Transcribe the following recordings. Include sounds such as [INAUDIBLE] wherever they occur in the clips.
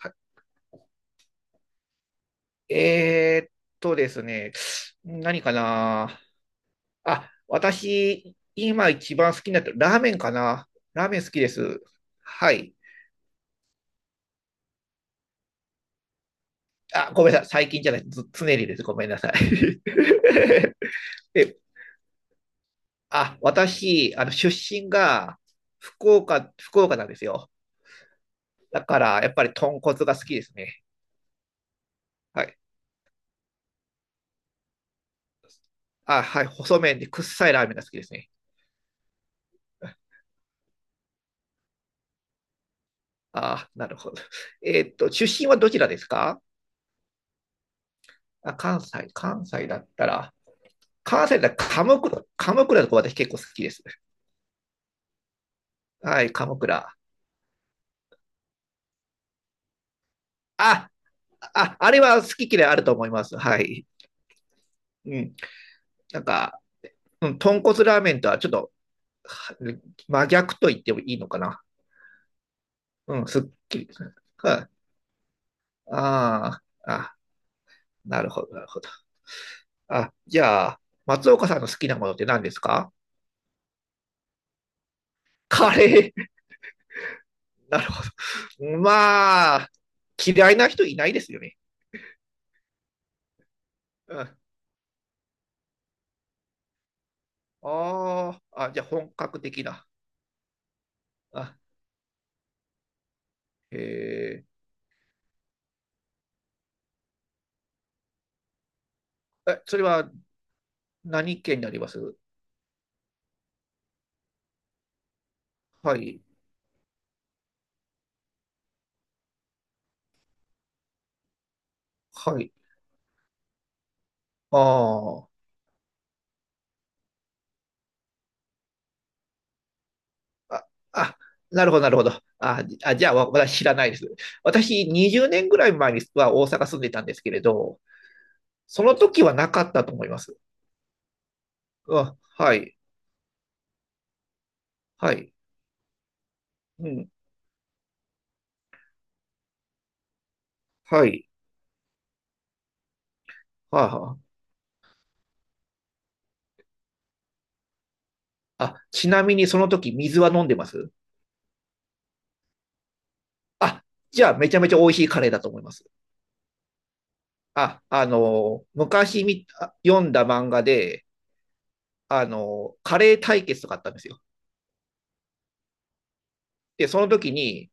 はえーっとですね、何かな。あ、私、今一番好きになってるラーメンかな。ラーメン好きです。はい。あ、ごめんなさい。最近じゃない。ず常にです。ごめんなさい。[LAUGHS] で、あ、私、あの、出身が福岡なんですよ。だから、やっぱり豚骨が好きですね。はい。あ、はい。細麺で、くっさいラーメンが好きですね。あ、なるほど。出身はどちらですか？あ、関西だったら。関西だったら鎌倉とか私結構好きです。はい、鎌倉。あ、あ、あれは好き嫌いあると思います。はい。うん。なんか、うん、豚骨ラーメンとはちょっと真逆と言ってもいいのかな。うん、すっきり。はい。ああ、あ、なるほど、なるほど。あ、じゃあ、松岡さんの好きなものって何ですか？カレー。[LAUGHS] なるほど。まあ、嫌いな人いないですよね。うん。ああ、あ、じゃあ本格的な。あ、ええ、それは何県になりますはい、はい。ああ、あ、あ、なるほど、なるほど。あ、じゃあ、私知らないです。私、20年ぐらい前には大阪住んでたんですけれど、その時はなかったと思います。あ、はい、はい、うん、はい、はあ、はあ。あ、ちなみにその時水は飲んでますあ、じゃあ、めちゃめちゃ美味しいカレーだと思います。あ、あのー、昔み、あ読んだ漫画で、あのー、カレー対決とかあったんですよ。で、その時に、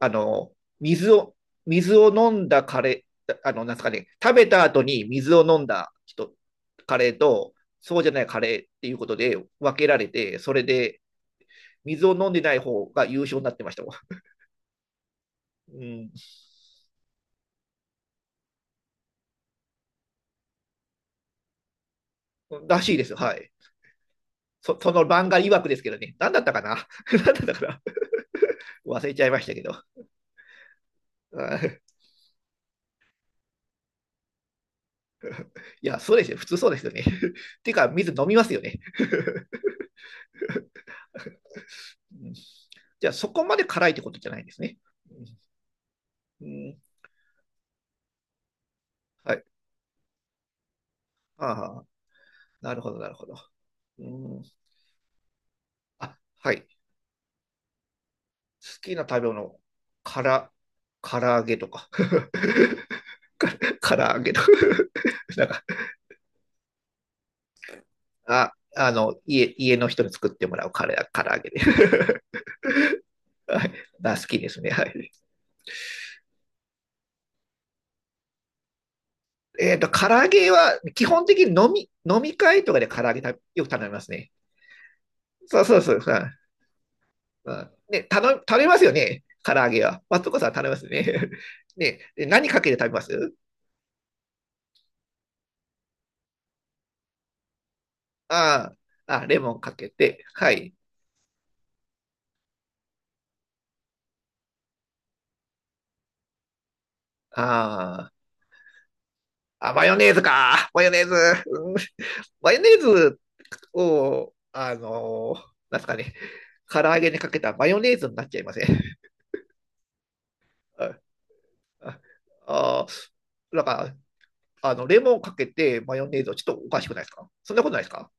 あの、水を、水を飲んだカレー、あの、なんですかね、食べた後に水を飲んだ人、カレーと、そうじゃないカレーっていうことで分けられて、それで水を飲んでない方が優勝になってました。うん、らしいですよ、はい。その漫画曰くですけどね、何だったかな。 [LAUGHS] 何だったかな、忘れちゃいましたけど。[LAUGHS] いや、そうですよ、普通そうですよね。[LAUGHS] ていうか、水飲みますよね。[LAUGHS] じゃあ、そこまで辛いってことじゃないんですね。うん、はい。ああ、なるほど、なるほど。うん。あ、はい。好きな食べ物、から、唐揚げとか。[LAUGHS] 唐揚げとか。[LAUGHS] なんか、あ、あの、家の人に作ってもらうから唐揚げで。[LAUGHS] はい。が好きですね。はい。唐揚げは、基本的に飲み会とかで唐揚げ食べよく頼みますね。そうそうそう。ううんね、頼みますよね。唐揚げは。松岡さん頼みますよね。[LAUGHS] ね、で何かけて食べますああ、あ、レモンかけて、はい。ああ、あ、マヨネーズか。マヨネーズ。うん、マヨネーズを、あのーなんすかね、唐揚げにかけたらマヨネーズになっちゃいませんあ、あ、あ、なんか、あの、レモンかけてマヨネーズをちょっとおかしくないですか？そんなことないですか？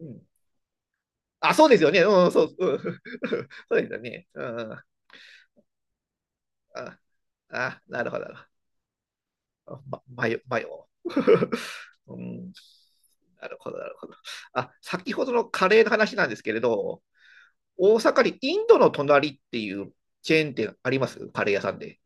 うん。あ、そうですよね。うん、そう、うん、[LAUGHS] そうですよね。うん。あ、あ、なるほど。マヨ。[LAUGHS] うん、なるほど、なるほど。あ、先ほどのカレーの話なんですけれど、大阪にインドの隣っていうチェーン店ありますカレー屋さんで。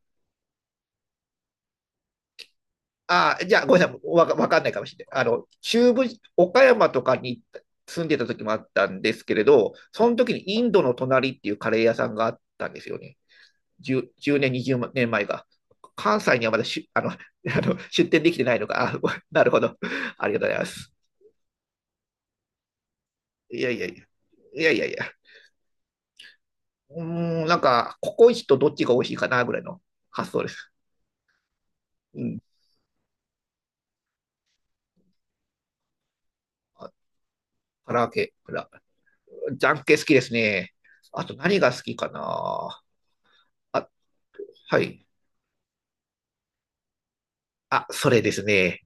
あ、じゃあ、ごめんなさい。わかんないかもしれない。あの、中部、岡山とかに住んでた時もあったんですけれど、その時にインドの隣っていうカレー屋さんがあったんですよね。10年、20年前が。関西にはまだしあの [LAUGHS] あの出店できてないのか。あ、なるほど。ありがとうございます。いやいやいや。いやいやいや。うーん、なんか、ココイチとどっちが美味しいかなぐらいの発想です。うん。あ、唐揚げ、ほら、ジャンケ好きですね。あと何が好きかな。あ、はい。あ、それですね。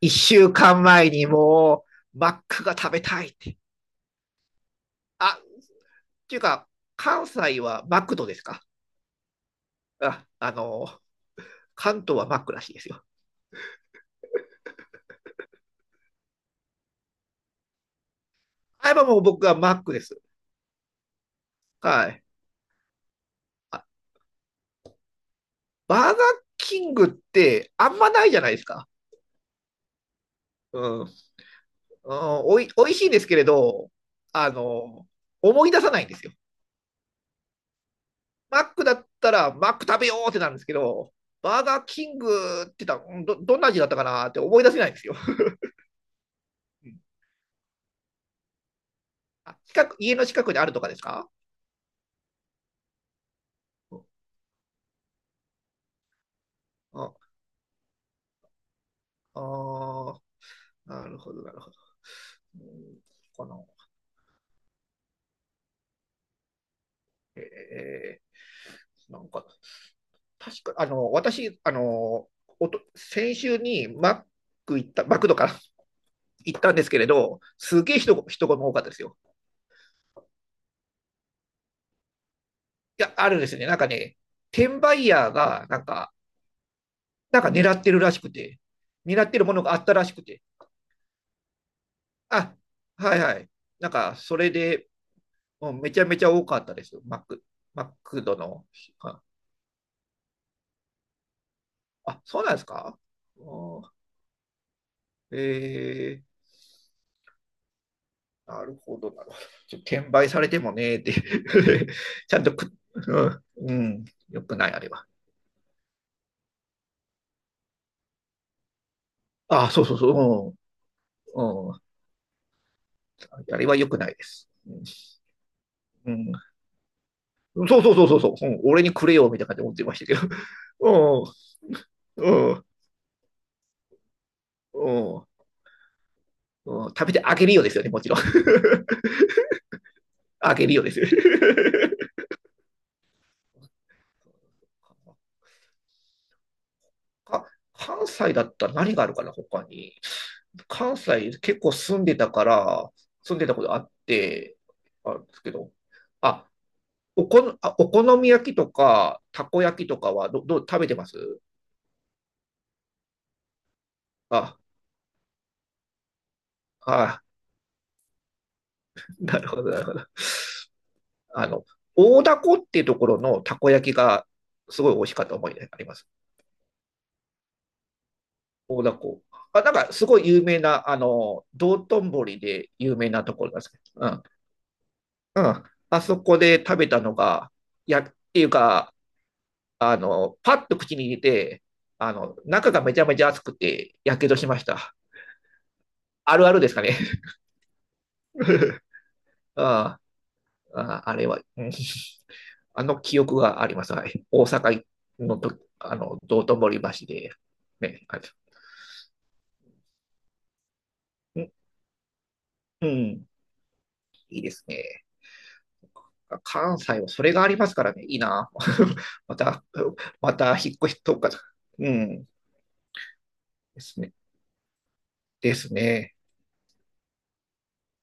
1週間前にもう、マックが食べたいって。あ、っていうか、関西はマクドですか？あ、あの、関東はマックらしいですよ。あ、今もう僕はマックです。はい。あ、バーガーキングってあんまないじゃないですか。うん。うん、おいしいですけれど、あの、思い出さないんですよ。マックだったら、マック食べようってなるんですけど、バーガーキングって言ったら、どんな味だったかなって思い出せないんですよ。[LAUGHS] あ、近く、家の近くにあるとかですか？あ、あ、なるほど、なるほど。うん、この、えなんか、確か、あの、私、あの、先週にマック行った、マクドから行ったんですけれど、すげえ人が多かったですよ。や、あるんですね。なんかね、転売ヤーが、なんか狙ってるらしくて、狙ってるものがあったらしくて、あ、はいはい。なんか、それで、もうめちゃめちゃ多かったですよ。マックドの。あ、あ、そうなんですか？おえー、なるほど、なるほど。転売されてもねーって [LAUGHS] ちゃんとく、うん、うん、よくない、あれは。あ、そうそうそう。うん、うん、あれはよくないです。うん、うん、そうそうそうそうそう、うん、俺にくれよ、みたいな感じで思ってましたけど。[LAUGHS] うん、うん、うん、うん、食べてあげるよですよね、もちろん。[LAUGHS] あげるよですよ。[LAUGHS] か関西だったら何があるかな、他に。関西結構住んでたから、住んでたことあって、あるんですけど。あ、あ、お好み焼きとか、たこ焼きとかはどう、食べてますあ、あ、[LAUGHS] なるほど、なるほど。あの、大凧っていうところのたこ焼きがすごい美味しかった思い出があります。大凧。あ、なんかすごい有名な、あの、道頓堀で有名なところなんですけど、うん。うん。あそこで食べたのが、や、っていうか、あの、パッと口に入れて、あの、中がめちゃめちゃ熱くて、やけどしました。あるあるですかね。[LAUGHS] ああ、あれは、うん、あの記憶があります。はい。大阪のと、あの、道頓堀橋で、ね、あれうん、うん、いいですね。関西はそれがありますからね、いいな。[LAUGHS] また、また引っ越しとか、うん、ですね。ですね。